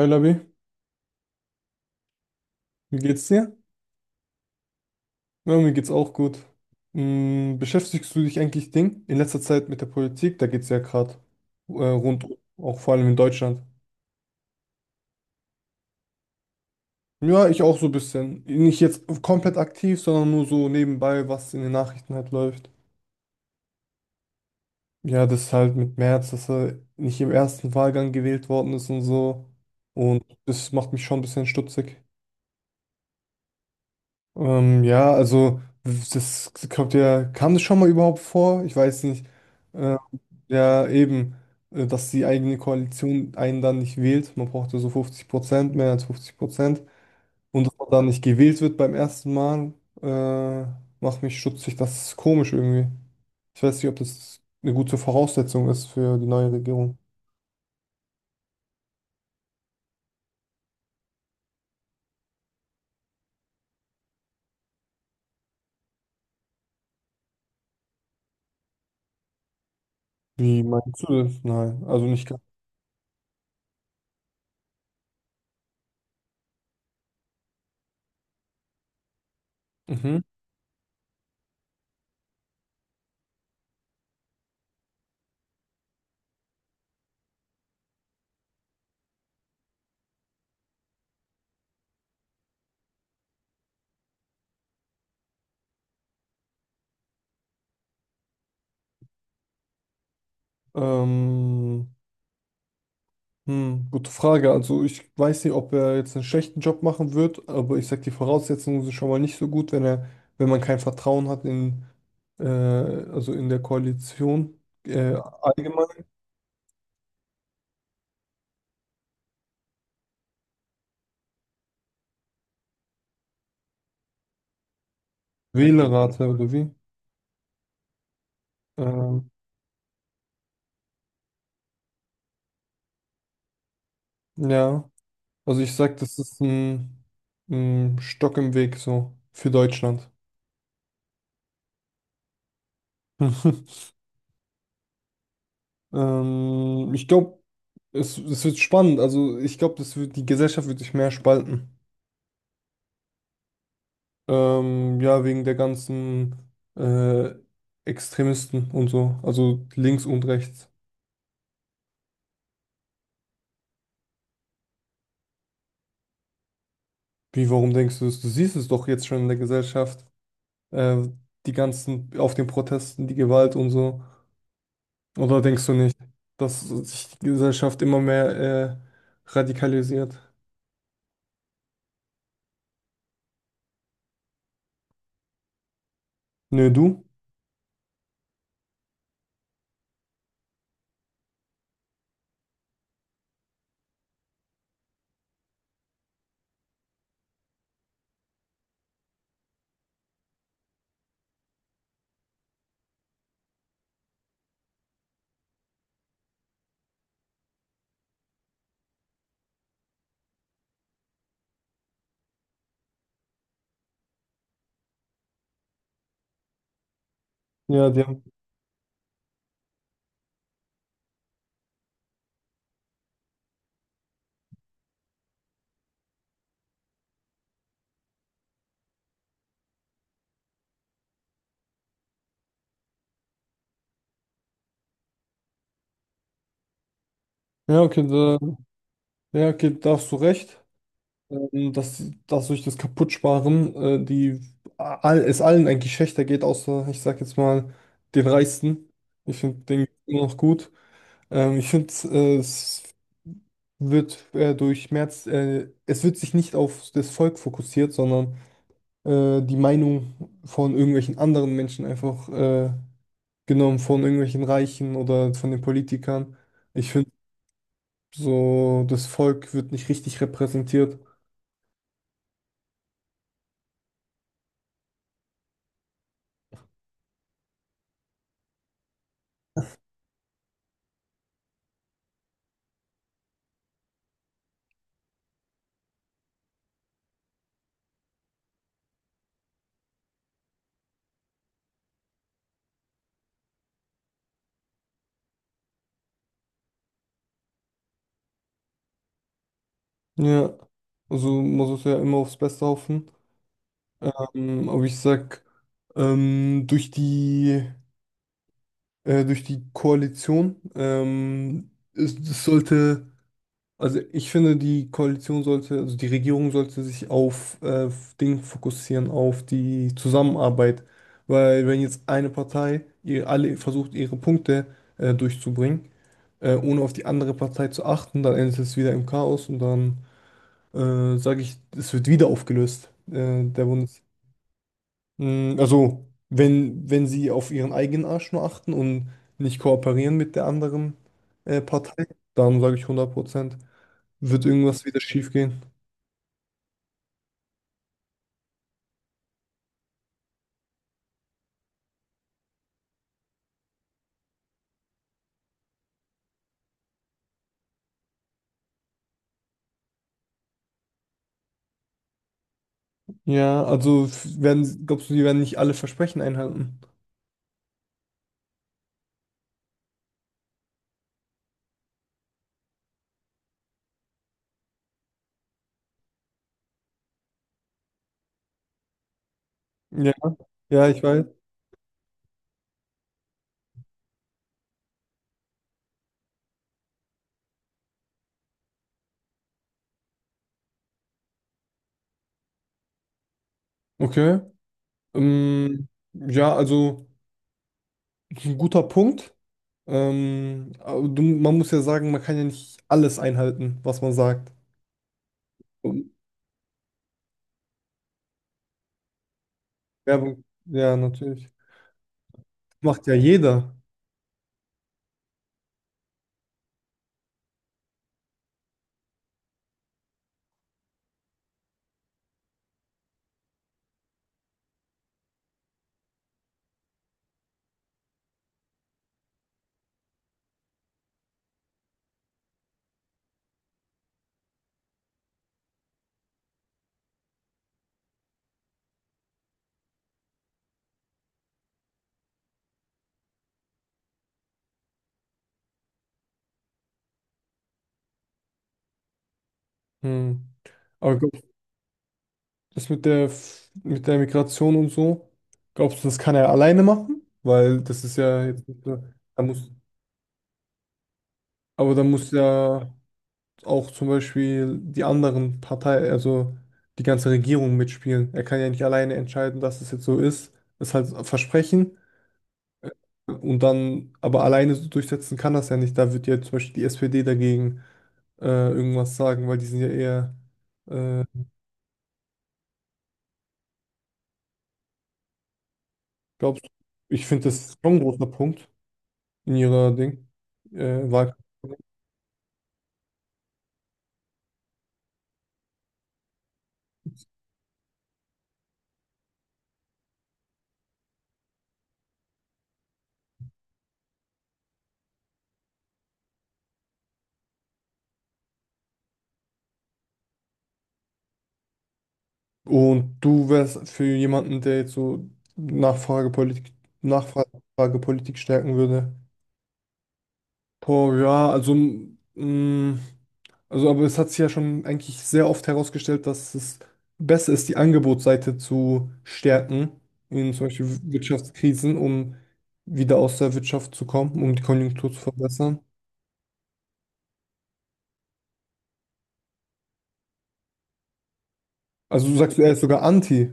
Hi Labi, wie geht's dir? Ja, mir geht's auch gut. Beschäftigst du dich eigentlich Ding in letzter Zeit mit der Politik? Da geht's ja gerade rund, um, auch vor allem in Deutschland. Ja, ich auch so ein bisschen. Nicht jetzt komplett aktiv, sondern nur so nebenbei, was in den Nachrichten halt läuft. Ja, das ist halt mit Merz, dass er nicht im ersten Wahlgang gewählt worden ist und so. Und das macht mich schon ein bisschen stutzig. Ja, also das kommt ja, kam das schon mal überhaupt vor? Ich weiß nicht. Äh, ja, eben, dass die eigene Koalition einen dann nicht wählt. Man braucht ja so 50%, mehr als 50%. Und dass man dann nicht gewählt wird beim ersten Mal, äh, macht mich stutzig. Das ist komisch irgendwie. Ich weiß nicht, ob das eine gute Voraussetzung ist für die neue Regierung. Wie meinst du das? Nein, also nicht ganz. Mhm. Ähm, gute Frage. Also ich weiß nicht, ob er jetzt einen schlechten Job machen wird, aber ich sag, die Voraussetzungen sind schon mal nicht so gut, wenn er, wenn man kein Vertrauen hat in, also in der Koalition, äh, allgemein Wählerrate oder wie? Ähm, ja, also ich sag, das ist ein Stock im Weg so für Deutschland. Ich glaube, es wird spannend. Also ich glaube, das wird, die Gesellschaft wird sich mehr spalten. Ja, wegen der ganzen äh, Extremisten und so, also links und rechts. Wie, warum denkst du das? Du siehst es doch jetzt schon in der Gesellschaft, äh, die ganzen, auf den Protesten, die Gewalt und so. Oder denkst du nicht, dass sich die Gesellschaft immer mehr äh, radikalisiert? Nö, du? Ja, die haben. Ja, okay, da, ja, okay, da hast du recht. Dass durch das Kaputtsparen die all, es allen eigentlich schlechter geht, außer ich sag jetzt mal den Reichsten. Ich finde den geht's immer noch gut. Ich finde es wird durch Merz, es wird sich nicht auf das Volk fokussiert, sondern die Meinung von irgendwelchen anderen Menschen einfach genommen, von irgendwelchen Reichen oder von den Politikern. Ich finde so, das Volk wird nicht richtig repräsentiert. Ja, also man sollte ja immer aufs Beste hoffen. Aber ich sag, ähm, durch die, durch die Koalition, es sollte, also ich finde, die Koalition sollte, also die Regierung sollte sich auf Dinge fokussieren, auf die Zusammenarbeit. Weil wenn jetzt eine Partei ihr, alle versucht, ihre Punkte durchzubringen, ohne auf die andere Partei zu achten, dann endet es wieder im Chaos und dann sage ich, es wird wieder aufgelöst. Der Bundes. Also, wenn sie auf ihren eigenen Arsch nur achten und nicht kooperieren mit der anderen Partei, dann sage ich 100% wird irgendwas wieder schiefgehen. Ja, also werden, glaubst du, die werden nicht alle Versprechen einhalten? Ja, ja, ich weiß. Okay. Ähm, ja, also das ist ein guter Punkt. Aber du, man muss ja sagen, man kann ja nicht alles einhalten, was man sagt. Werbung, ja, natürlich. Macht ja jeder. Hm. Aber glaubst das mit der, mit der Migration und so, glaubst du, das kann er alleine machen? Weil das ist ja jetzt nicht so, da muss, aber da muss ja auch zum Beispiel die anderen Partei, also die ganze Regierung mitspielen. Er kann ja nicht alleine entscheiden, dass es jetzt so ist. Das ist halt ein Versprechen. äh, Und dann, aber alleine so durchsetzen kann das ja nicht. Da wird ja zum Beispiel die SPD dagegen äh, irgendwas sagen, weil die sind ja eher äh, Glaubst du? Ich finde das ist schon ein großer Punkt in ihrer Ding, Wahl. Und du wärst für jemanden, der jetzt so Nachfragepolitik, Nachfragepolitik stärken würde. Boah, ja, also, mh, also, aber es hat sich ja schon eigentlich sehr oft herausgestellt, dass es besser ist, die Angebotsseite zu stärken in zum Beispiel Wirtschaftskrisen, um wieder aus der Wirtschaft zu kommen, um die Konjunktur zu verbessern. Also, du sagst, er ist sogar anti.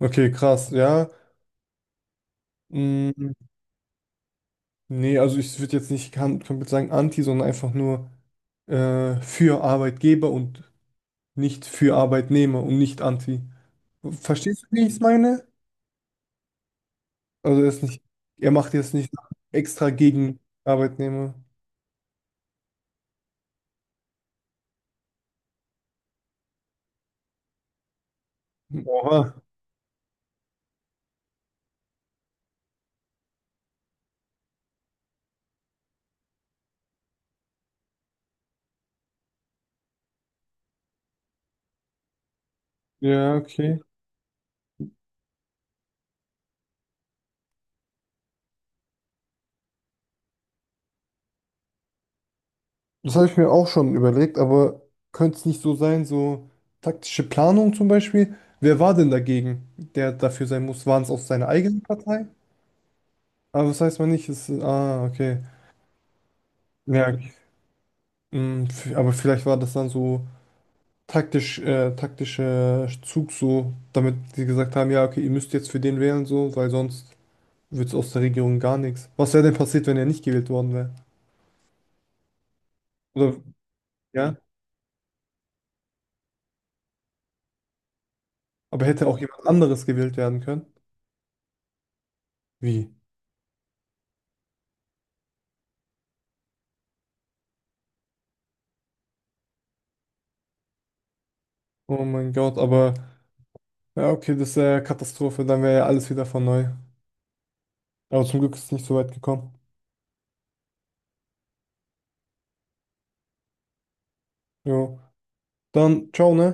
Okay, krass, ja. Mm, Nee, also ich würde jetzt nicht komplett sagen anti, sondern einfach nur für Arbeitgeber und nicht für Arbeitnehmer und nicht anti. Verstehst du, wie ich es meine? Also er ist nicht, er macht jetzt nicht extra gegen Arbeitnehmer. Oha. Ja, okay. Das habe ich mir auch schon überlegt, aber könnte es nicht so sein, so taktische Planung zum Beispiel? Wer war denn dagegen, der dafür sein muss? Waren es aus seiner eigenen Partei? Aber das weiß man nicht. Es, ah, okay. Ja, Aber vielleicht war das dann so taktisch, taktischer Zug so, damit sie gesagt haben, ja, okay, ihr müsst jetzt für den wählen so, weil sonst wird es aus der Regierung gar nichts. Was wäre denn passiert, wenn er nicht gewählt worden wäre? Oder, ja, aber hätte auch jemand anderes gewählt werden können? Wie? Oh mein Gott, aber ja, okay, das wäre ja Katastrophe, dann wäre ja alles wieder von neu. Aber zum Glück ist es nicht so weit gekommen. Jo. Dann, ciao, ne?